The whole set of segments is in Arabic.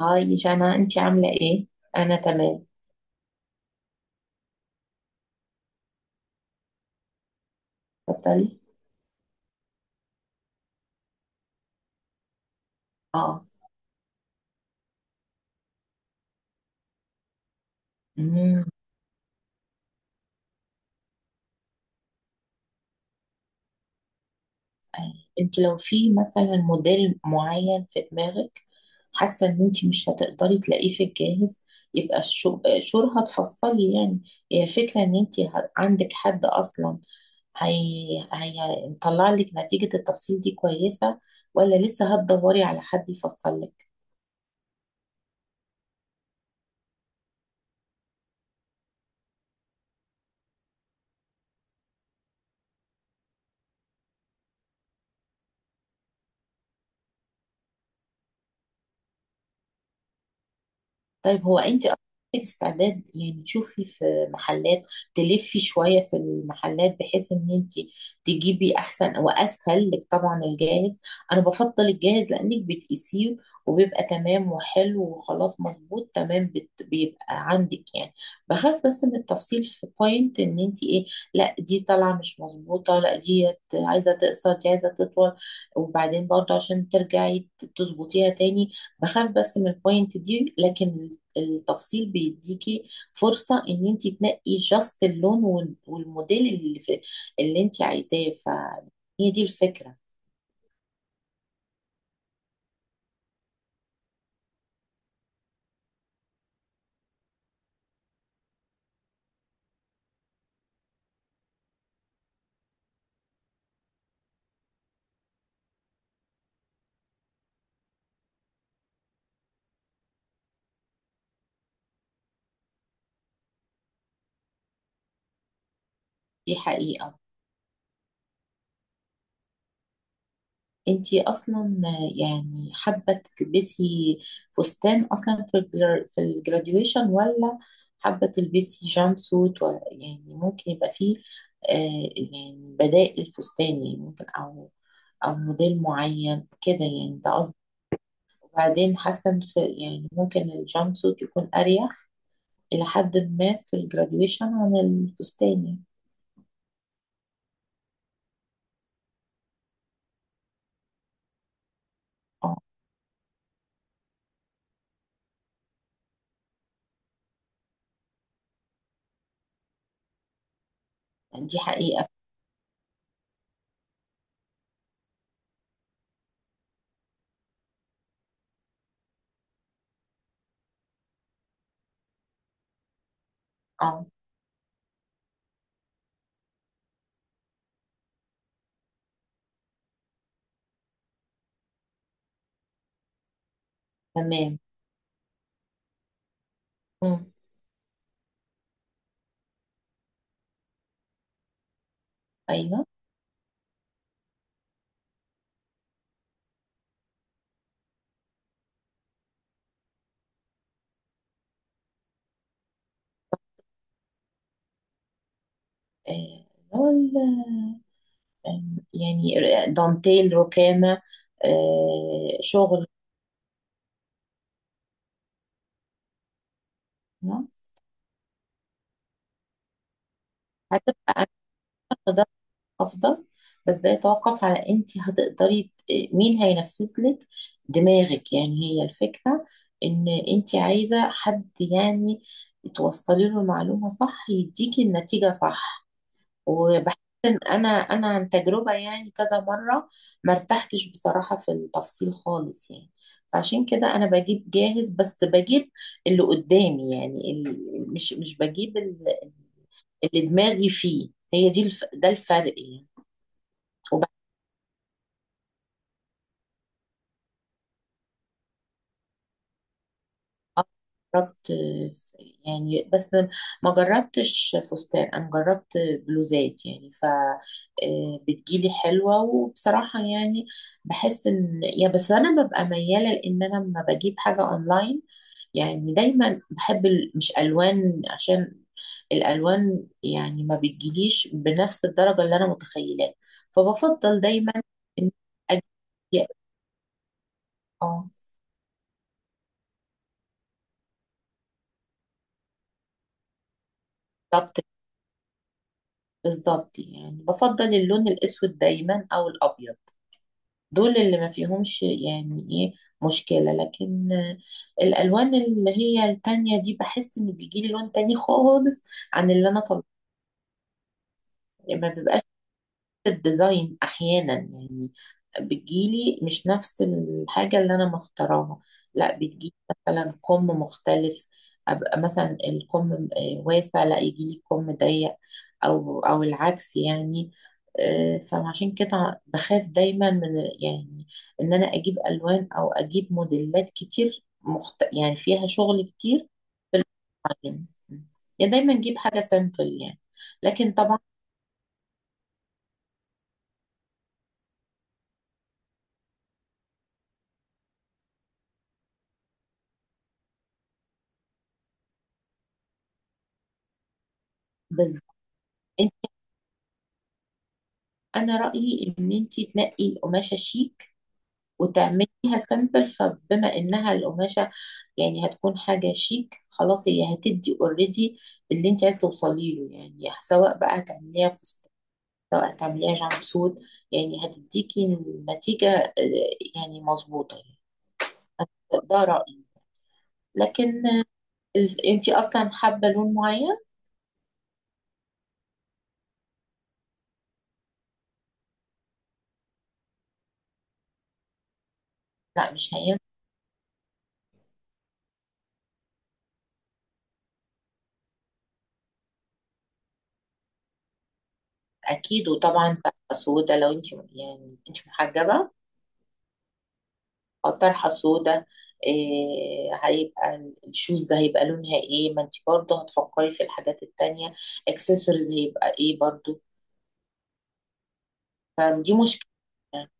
هاي جانا، انت عاملة ايه؟ انا تمام. اتفضلي. اه امم أي. انت لو في مثلا موديل معين في دماغك، حاسة ان انت مش هتقدري تلاقيه في الجاهز، يبقى شور هتفصلي يعني. هي الفكرة ان انت عندك حد اصلا. هي هيطلع لك نتيجة التفصيل دي كويسة، ولا لسه هتدوري على حد يفصل لك؟ طيب، هو انت اصلا عندك استعداد يعني تشوفي في محلات، تلفي شوية في المحلات، بحيث ان انت تجيبي احسن؟ واسهل لك طبعا الجاهز. انا بفضل الجاهز لانك بتقيسيه وبيبقى تمام وحلو وخلاص مظبوط تمام، بيبقى عندك يعني. بخاف بس من التفصيل في بوينت ان انت ايه، لا دي طالعة مش مظبوطة، لا دي عايزة تقصر، دي عايزة تطول، وبعدين برضه عشان ترجعي تظبطيها تاني. بخاف بس من البوينت دي، لكن التفصيل بيديكي فرصة ان انت تنقي جاست اللون والموديل اللي انت عايزاه. فهي دي الفكرة. دي حقيقة. انت اصلا يعني حابة تلبسي فستان اصلا في في الجراديويشن، ولا حابة تلبسي جامب سوت يعني ممكن يبقى فيه يعني بدائل فستان يعني، ممكن، او موديل معين كده يعني ده. بعدين حاسه إن في يعني ممكن الجامب سوت يكون اريح الى حد ما في الجراديويشن عن الفستاني. اه، يعني دي حقيقه. اه. تمام. مم. ايوه. اللي هو يعني دانتيل ركامه. شغل. هتبقى أناقة افضل، بس ده يتوقف على انت هتقدري مين هينفذ لك دماغك يعني. هي الفكرة ان انت عايزة حد يعني توصلي له المعلومة صح، يديكي النتيجة صح. وبحس ان انا عن تجربة يعني كذا مرة ما ارتحتش بصراحة في التفصيل خالص يعني. فعشان كده انا بجيب جاهز، بس بجيب اللي قدامي يعني، مش بجيب اللي دماغي فيه. هي دي ده الفرق يعني. آه، جربت يعني بس ما جربتش فستان، انا جربت بلوزات يعني. ف بتجيلي حلوة، وبصراحة يعني بحس ان يا بس انا ببقى ميالة لان انا لما بجيب حاجة اونلاين يعني دايما بحب مش الوان، عشان الالوان يعني ما بتجيليش بنفس الدرجة اللي انا متخيلاها. فبفضل دايما ان أجيب. اه. طب بالظبط يعني، بفضل اللون الأسود دايما أو الأبيض. دول اللي ما فيهمش يعني إيه، مشكلة. لكن الألوان اللي هي التانية دي بحس إن بيجيلي لون تاني خالص عن اللي أنا طلبته. ما بيبقاش الديزاين احيانا يعني، بتجيلي مش نفس الحاجه اللي انا مختاراها. لا بتجيلي مثلا كم مختلف. ابقى مثلا الكم واسع، لا يجيلي كم ضيق، او العكس يعني. فعشان كده بخاف دايما من يعني ان انا اجيب الوان او اجيب موديلات كتير يعني فيها شغل كتير في المعجن. يعني دايما اجيب حاجه سامبل يعني، لكن طبعا. بس انا رايي ان انت تنقي القماشه شيك، وتعمليها سامبل. فبما انها القماشه يعني هتكون حاجه شيك، خلاص هي هتدي اوريدي اللي انت عايز توصلي له يعني، سواء بقى هتعمليها فستان، سواء هتعمليها جامب سوت، يعني هتديكي النتيجه يعني مظبوطه يعني. ده رايي. لكن انت اصلا حابه لون معين؟ لا مش هينفع. اكيد. وطبعا بقى سودا، لو انت يعني انت محجبه طرحة سودا، إيه. هيبقى الشوز ده هيبقى لونها ايه؟ ما انت برضه هتفكري في الحاجات التانية. اكسسوارز هيبقى ايه برضه؟ فدي مشكلة يعني.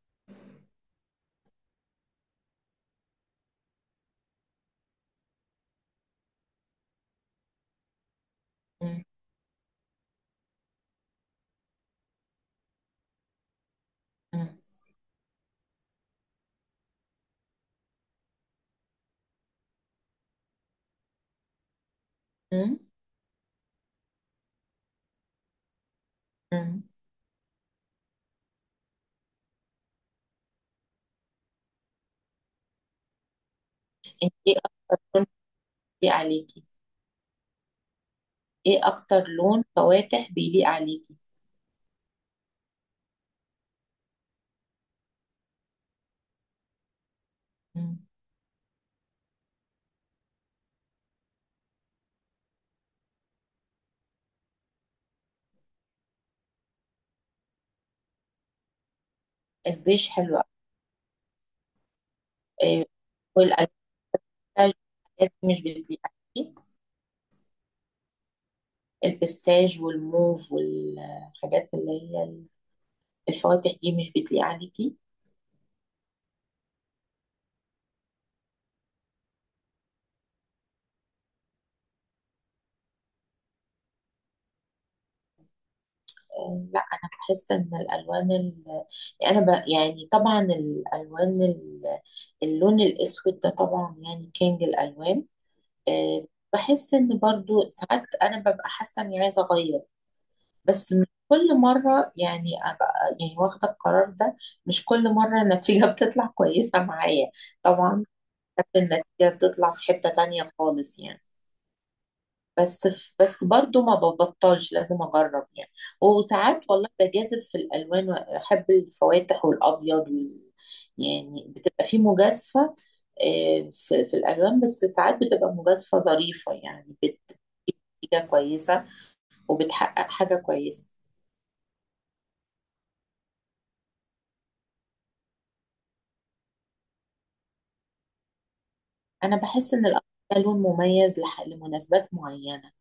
مم، مم، مم، مم. ايه اكتر لون بيليق عليكي؟ ايه اكتر لون فواتح بيليق عليكي؟ مم. البيج حلو أوي. إيه؟ والألوان الحاجات دي مش بتليق عليكي. البستاج والموف والحاجات اللي هي الفواتح دي مش بتليق عليكي. لا انا بحس ان يعني انا يعني طبعا اللون الاسود ده طبعا يعني كينج الالوان. آه، بحس ان برضو ساعات انا ببقى حاسه اني عايزه اغير، بس مش كل مره يعني ابقى يعني واخده القرار ده. مش كل مره النتيجه بتطلع كويسه معايا. طبعا. ساعات النتيجه بتطلع في حته تانية خالص يعني. بس بس برضو ما ببطلش، لازم اجرب يعني. وساعات والله بجازف في الالوان، واحب الفواتح والابيض يعني بتبقى في مجازفه في الالوان. بس ساعات بتبقى مجازفه ظريفه يعني، بتبقى كويسه وبتحقق حاجه كويسه. انا بحس ان الابيض ده لون مميز لمناسبات معينه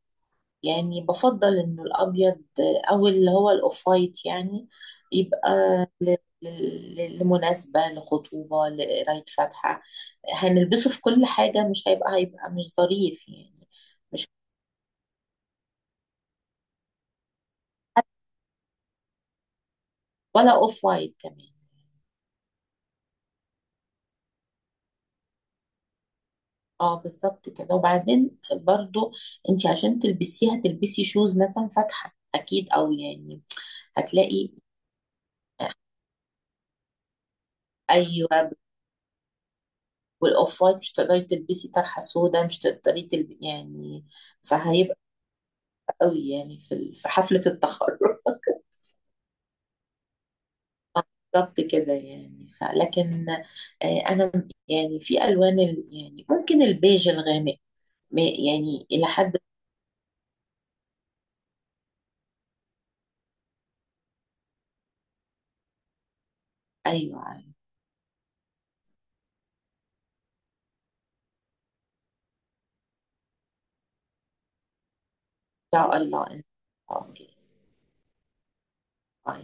يعني. بفضل انه الابيض او اللي هو الاوف وايت يعني، يبقى ل- لمناسبة، لخطوبة، لقراية فاتحة. هنلبسه في كل حاجة مش هيبقى مش ظريف يعني. ولا اوف وايت كمان. اه بالظبط كده. وبعدين برضو انت عشان تلبسيه هتلبسي شوز مثلا فاتحة اكيد، او يعني هتلاقي. ايوه. والاوف وايت مش تقدري تلبسي طرحة سودا، مش تقدري تلبسي يعني، فهيبقى قوي يعني في في حفلة التخرج بالظبط كده يعني. لكن انا يعني في الوان يعني ممكن البيج الغامق يعني الى حد. ايوه، ان شاء الله. اوكي. باي.